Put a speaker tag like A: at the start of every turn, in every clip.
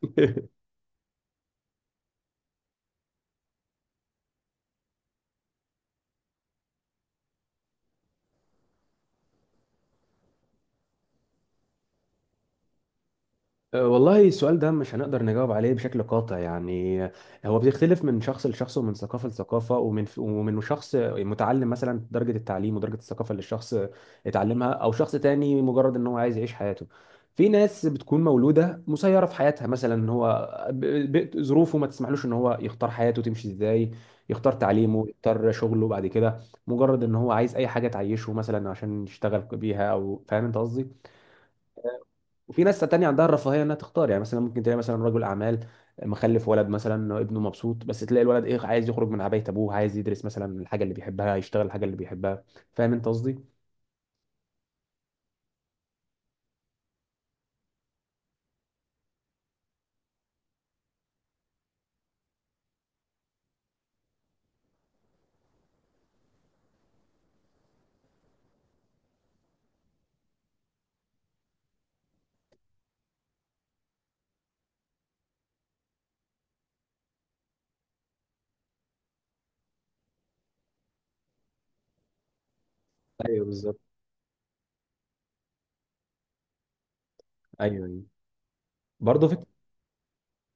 A: والله السؤال ده مش هنقدر نجاوب عليه بشكل قاطع يعني هو بيختلف من شخص لشخص ومن ثقافة لثقافة ومن شخص متعلم، مثلا درجة التعليم ودرجة الثقافة اللي الشخص اتعلمها، أو شخص تاني مجرد إن هو عايز يعيش حياته. في ناس بتكون مولودة مسيرة في حياتها، مثلا إن هو ظروفه ما تسمحلوش إن هو يختار حياته تمشي إزاي، يختار تعليمه، يختار شغله بعد كده، مجرد إن هو عايز أي حاجة تعيشه مثلا عشان يشتغل بيها. أو فاهم أنت قصدي؟ وفي ناس تانية عندها الرفاهية انها تختار. يعني مثلا ممكن تلاقي مثلا رجل اعمال مخلف ولد، مثلا ابنه مبسوط، بس تلاقي الولد ايه، عايز يخرج من عباية ابوه، عايز يدرس مثلا الحاجة اللي بيحبها، يشتغل الحاجة اللي بيحبها. فاهم انت قصدي؟ ايوه بالظبط. ايوه ايوه. برضه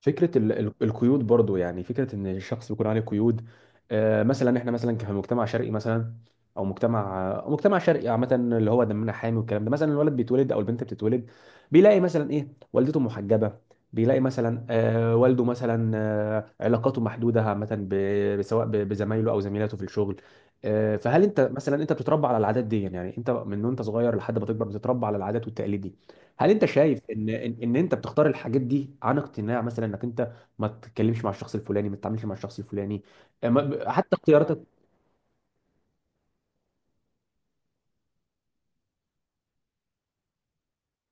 A: فكرة القيود، برضو يعني فكرة ان الشخص بيكون عليه قيود. مثلا احنا مثلا كمجتمع شرقي، مثلا او مجتمع، أو مجتمع شرقي عامة، اللي هو دمنا حامي والكلام ده، مثلا الولد بيتولد او البنت بتتولد، بيلاقي مثلا ايه والدته محجبة، بيلاقي مثلا والده مثلا علاقاته محدودة عامة، سواء بزمايله او زميلاته في الشغل. فهل انت مثلا انت بتتربى على العادات دي؟ يعني انت من وانت صغير لحد ما تكبر بتتربى على العادات والتقاليد دي. هل انت شايف ان إن انت بتختار الحاجات دي عن اقتناع؟ مثلا انك انت ما تتكلمش مع الشخص الفلاني، ما تتعاملش مع الشخص الفلاني. حتى اختياراتك.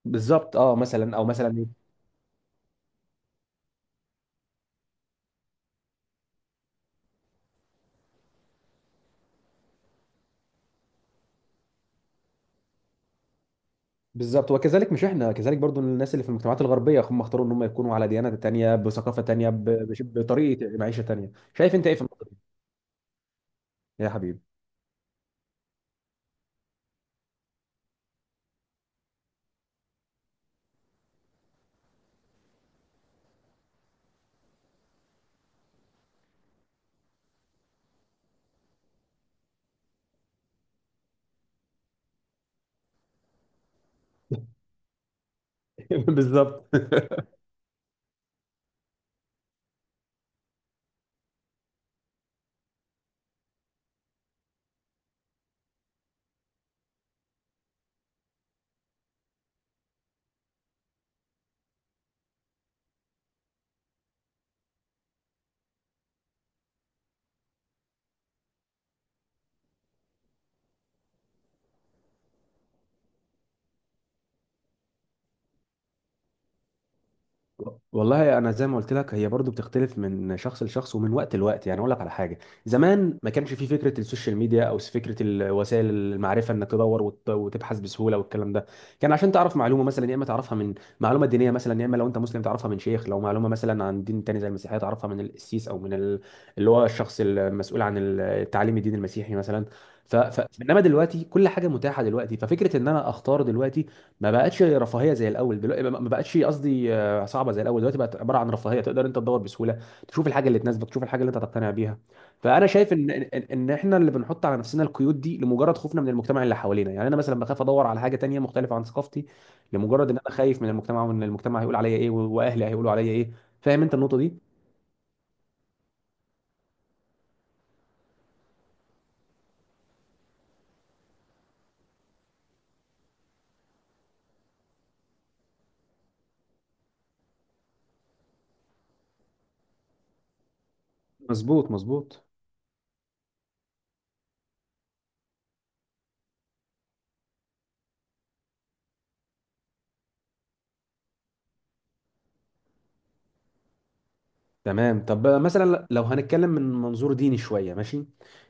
A: بالظبط اه. مثلا او مثلا إيه؟ بالظبط. وكذلك مش احنا كذلك برضو، الناس اللي في المجتمعات الغربيه هم اختاروا ان هم يكونوا على ديانه تانيه، بثقافه تانيه، بطريقه معيشه تانيه. شايف انت ايه في النقطه دي؟ يا حبيبي. بالظبط. والله انا زي ما قلت لك هي برضو بتختلف من شخص لشخص ومن وقت لوقت. يعني اقول لك على حاجه، زمان ما كانش في فكره السوشيال ميديا او فكره وسائل المعرفه انك تدور وتبحث بسهوله والكلام ده. كان عشان تعرف معلومه مثلا يا اما تعرفها من معلومه دينيه مثلا، يا اما لو انت مسلم تعرفها من شيخ، لو معلومه مثلا عن دين تاني زي المسيحيه تعرفها من القسيس او من اللي هو الشخص المسؤول عن تعليم الدين المسيحي مثلا. انما دلوقتي كل حاجه متاحه، دلوقتي ففكره ان انا اختار دلوقتي ما بقتش رفاهيه زي الاول. دلوقتي ما بقتش قصدي صعبه زي الاول، دلوقتي بقت عباره عن رفاهيه، تقدر انت تدور بسهوله تشوف الحاجه اللي تناسبك، تشوف الحاجه اللي انت تقتنع بيها. فانا شايف ان إن احنا اللي بنحط على نفسنا القيود دي لمجرد خوفنا من المجتمع اللي حوالينا. يعني انا مثلا بخاف ادور على حاجه تانية مختلفه عن ثقافتي، لمجرد ان انا خايف من المجتمع، وان المجتمع هيقول عليا ايه واهلي هيقولوا عليا ايه. فاهم انت النقطه دي؟ مظبوط مظبوط. تمام. طب مثلا لو هنتكلم من منظور ديني شوية، ماشي؟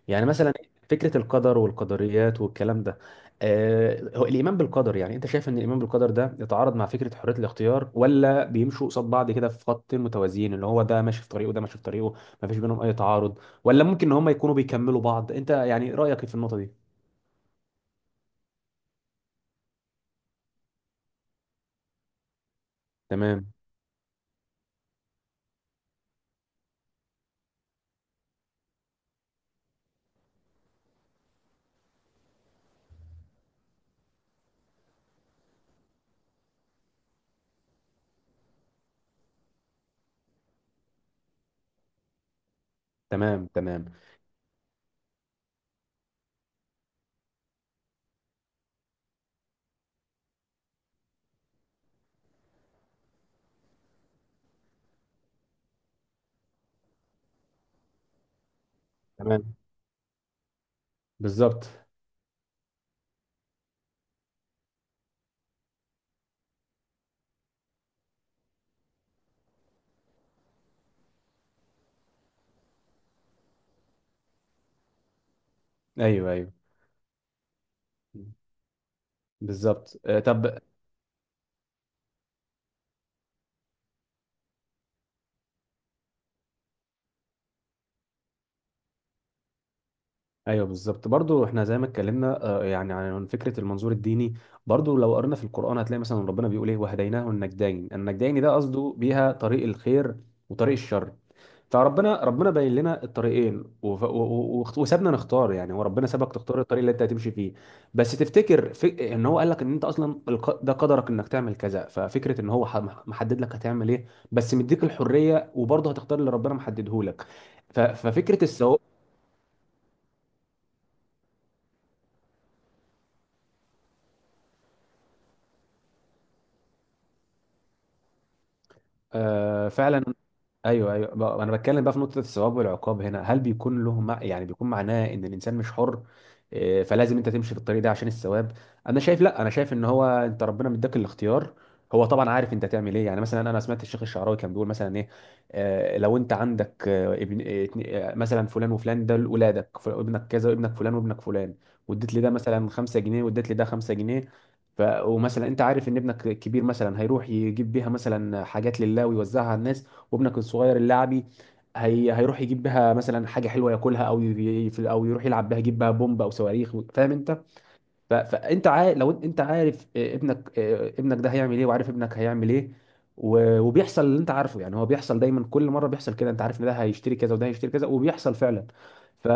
A: يعني مثلا فكرة القدر والقدريات والكلام ده، آه هو الإيمان بالقدر، يعني أنت شايف إن الإيمان بالقدر ده يتعارض مع فكرة حرية الاختيار؟ ولا بيمشوا قصاد بعض كده في خط متوازيين، اللي هو ده ماشي في طريقه وده ماشي في طريقه، ما فيش بينهم أي تعارض؟ ولا ممكن إن هم يكونوا بيكملوا بعض؟ أنت يعني رأيك إيه في النقطة دي؟ تمام تمام. تمام تمام. بالظبط. أيوه أيوه. بالظبط طب ايوه بالظبط. برضو احنا زي ما اتكلمنا يعني عن فكره المنظور الديني، برضو لو قرنا في القران هتلاقي مثلا ربنا بيقول ايه: وهديناه النجدين. النجدين ده قصده بيها طريق الخير وطريق الشر. فربنا ربنا باين لنا الطريقين، وسابنا نختار. يعني هو ربنا سابك تختار الطريق اللي انت هتمشي فيه، بس تفتكر في ان هو قال لك ان انت اصلا ده قدرك انك تعمل كذا. ففكره ان هو محدد لك هتعمل ايه، بس مديك الحريه وبرضه هتختار اللي ربنا محدده لك. ففكره السواق. فعلا. ايوه ايوه. انا بتكلم بقى في نقطه الثواب والعقاب هنا، هل بيكون له مع... يعني بيكون معناه ان الانسان مش حر؟ فلازم انت تمشي في الطريق ده عشان الثواب؟ انا شايف لا، انا شايف ان هو انت ربنا مديك الاختيار، هو طبعا عارف انت تعمل ايه. يعني مثلا انا سمعت الشيخ الشعراوي كان بيقول مثلا ايه: لو انت عندك ابن مثلا فلان وفلان ده ولادك، ابنك كذا وابنك فلان وابنك فلان. واديت لي ده مثلا 5 جنيه، واديت لي ده 5 جنيه. ومثلا انت عارف ان ابنك الكبير مثلا هيروح يجيب بيها مثلا حاجات لله ويوزعها على الناس، وابنك الصغير اللاعبي هي هيروح يجيب بها مثلا حاجه حلوه ياكلها، او او يروح يلعب بها، يجيب بها بومب او صواريخ. فاهم انت؟ فانت عارف لو انت عارف ابنك، ابنك ده هيعمل ايه وعارف ابنك هيعمل ايه، وبيحصل اللي انت عارفه. يعني هو بيحصل دايما، كل مره بيحصل كده، انت عارف ان ده هيشتري كذا وده هيشتري كذا وبيحصل فعلا. ف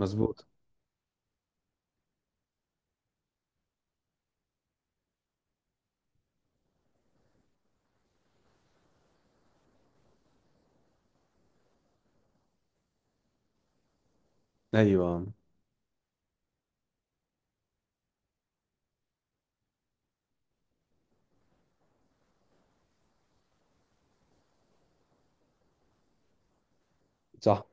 A: مظبوط. ايوه صح.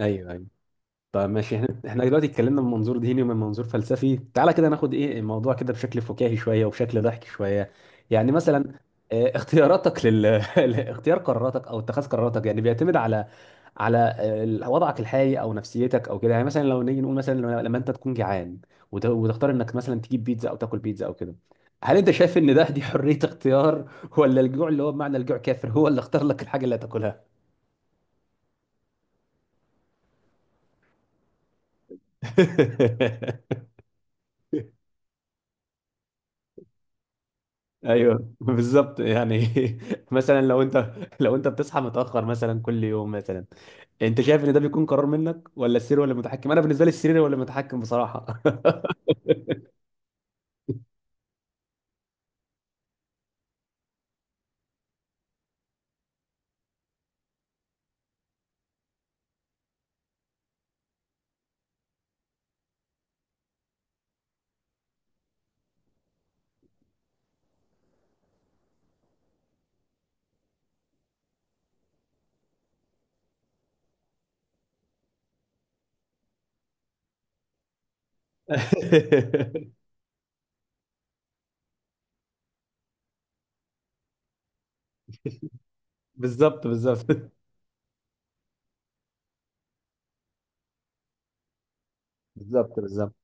A: ايوه ايوه. طب ماشي، احنا دلوقتي اتكلمنا من منظور ديني ومن منظور فلسفي، تعالى كده ناخد ايه الموضوع كده بشكل فكاهي شويه وبشكل ضحك شويه. يعني مثلا اختياراتك لل اختيار قراراتك او اتخاذ قراراتك يعني بيعتمد على على وضعك الحالي او نفسيتك او كده. يعني مثلا لو نيجي نقول مثلا لما انت تكون جعان وتختار انك مثلا تجيب بيتزا او تاكل بيتزا او كده، هل انت شايف ان ده دي حريه اختيار ولا الجوع، اللي هو بمعنى الجوع كافر، هو اللي اختار لك الحاجه اللي هتاكلها؟ ايوه بالظبط يعني. مثلا لو انت بتصحى متاخر مثلا كل يوم مثلا، انت شايف ان ده بيكون قرار منك ولا السرير ولا المتحكم؟ انا بالنسبه لي السرير ولا المتحكم بصراحه. بالظبط بالظبط. بالظبط بالظبط.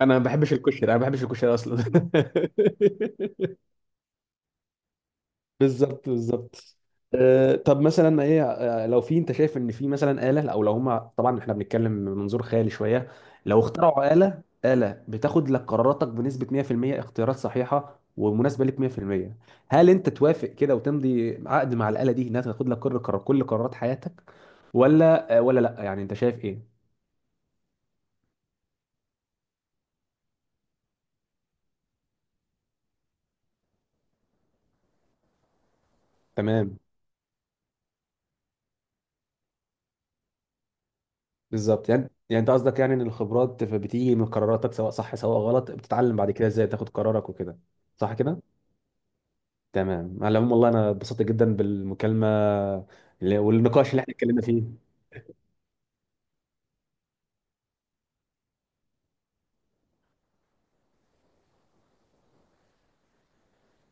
A: انا ما بحبش الكشري، انا ما بحبش الكشري اصلا. بالظبط بالظبط. طب مثلا ايه لو في، انت شايف ان في مثلا آلة، او لو هما، طبعا احنا بنتكلم من منظور خيالي شوية، لو اخترعوا آلة، آلة بتاخد لك قراراتك بنسبة 100% اختيارات صحيحة ومناسبة لك 100%، هل انت توافق كده وتمضي عقد مع الآلة دي انها تاخد لك كل قرار، كل قرارات حياتك، ولا ولا لا، يعني انت شايف ايه؟ تمام. بالظبط. يعني انت قصدك يعني ان الخبرات بتيجي من قراراتك سواء صح سواء غلط، بتتعلم بعد كده ازاي تاخد قرارك وكده. صح كده. تمام. على العموم والله انا اتبسطت جدا بالمكالمه والنقاش اللي احنا اتكلمنا فيه.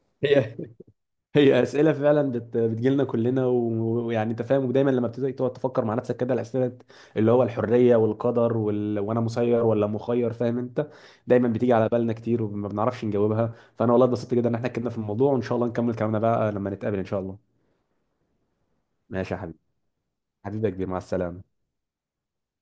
A: هي هي اسئله فعلا بتجيلنا كلنا، ويعني انت فاهم، ودايما لما بتبتدي تقعد تفكر مع نفسك كده الاسئله اللي هو الحريه والقدر وانا مسير ولا مخير، فاهم انت؟ دايما بتيجي على بالنا كتير وما بنعرفش نجاوبها. فانا والله اتبسطت جدا ان احنا اتكلمنا في الموضوع، وان شاء الله نكمل كلامنا بقى لما نتقابل ان شاء الله. ماشي يا حبيبي. حبيبي يا كبير، مع السلامه.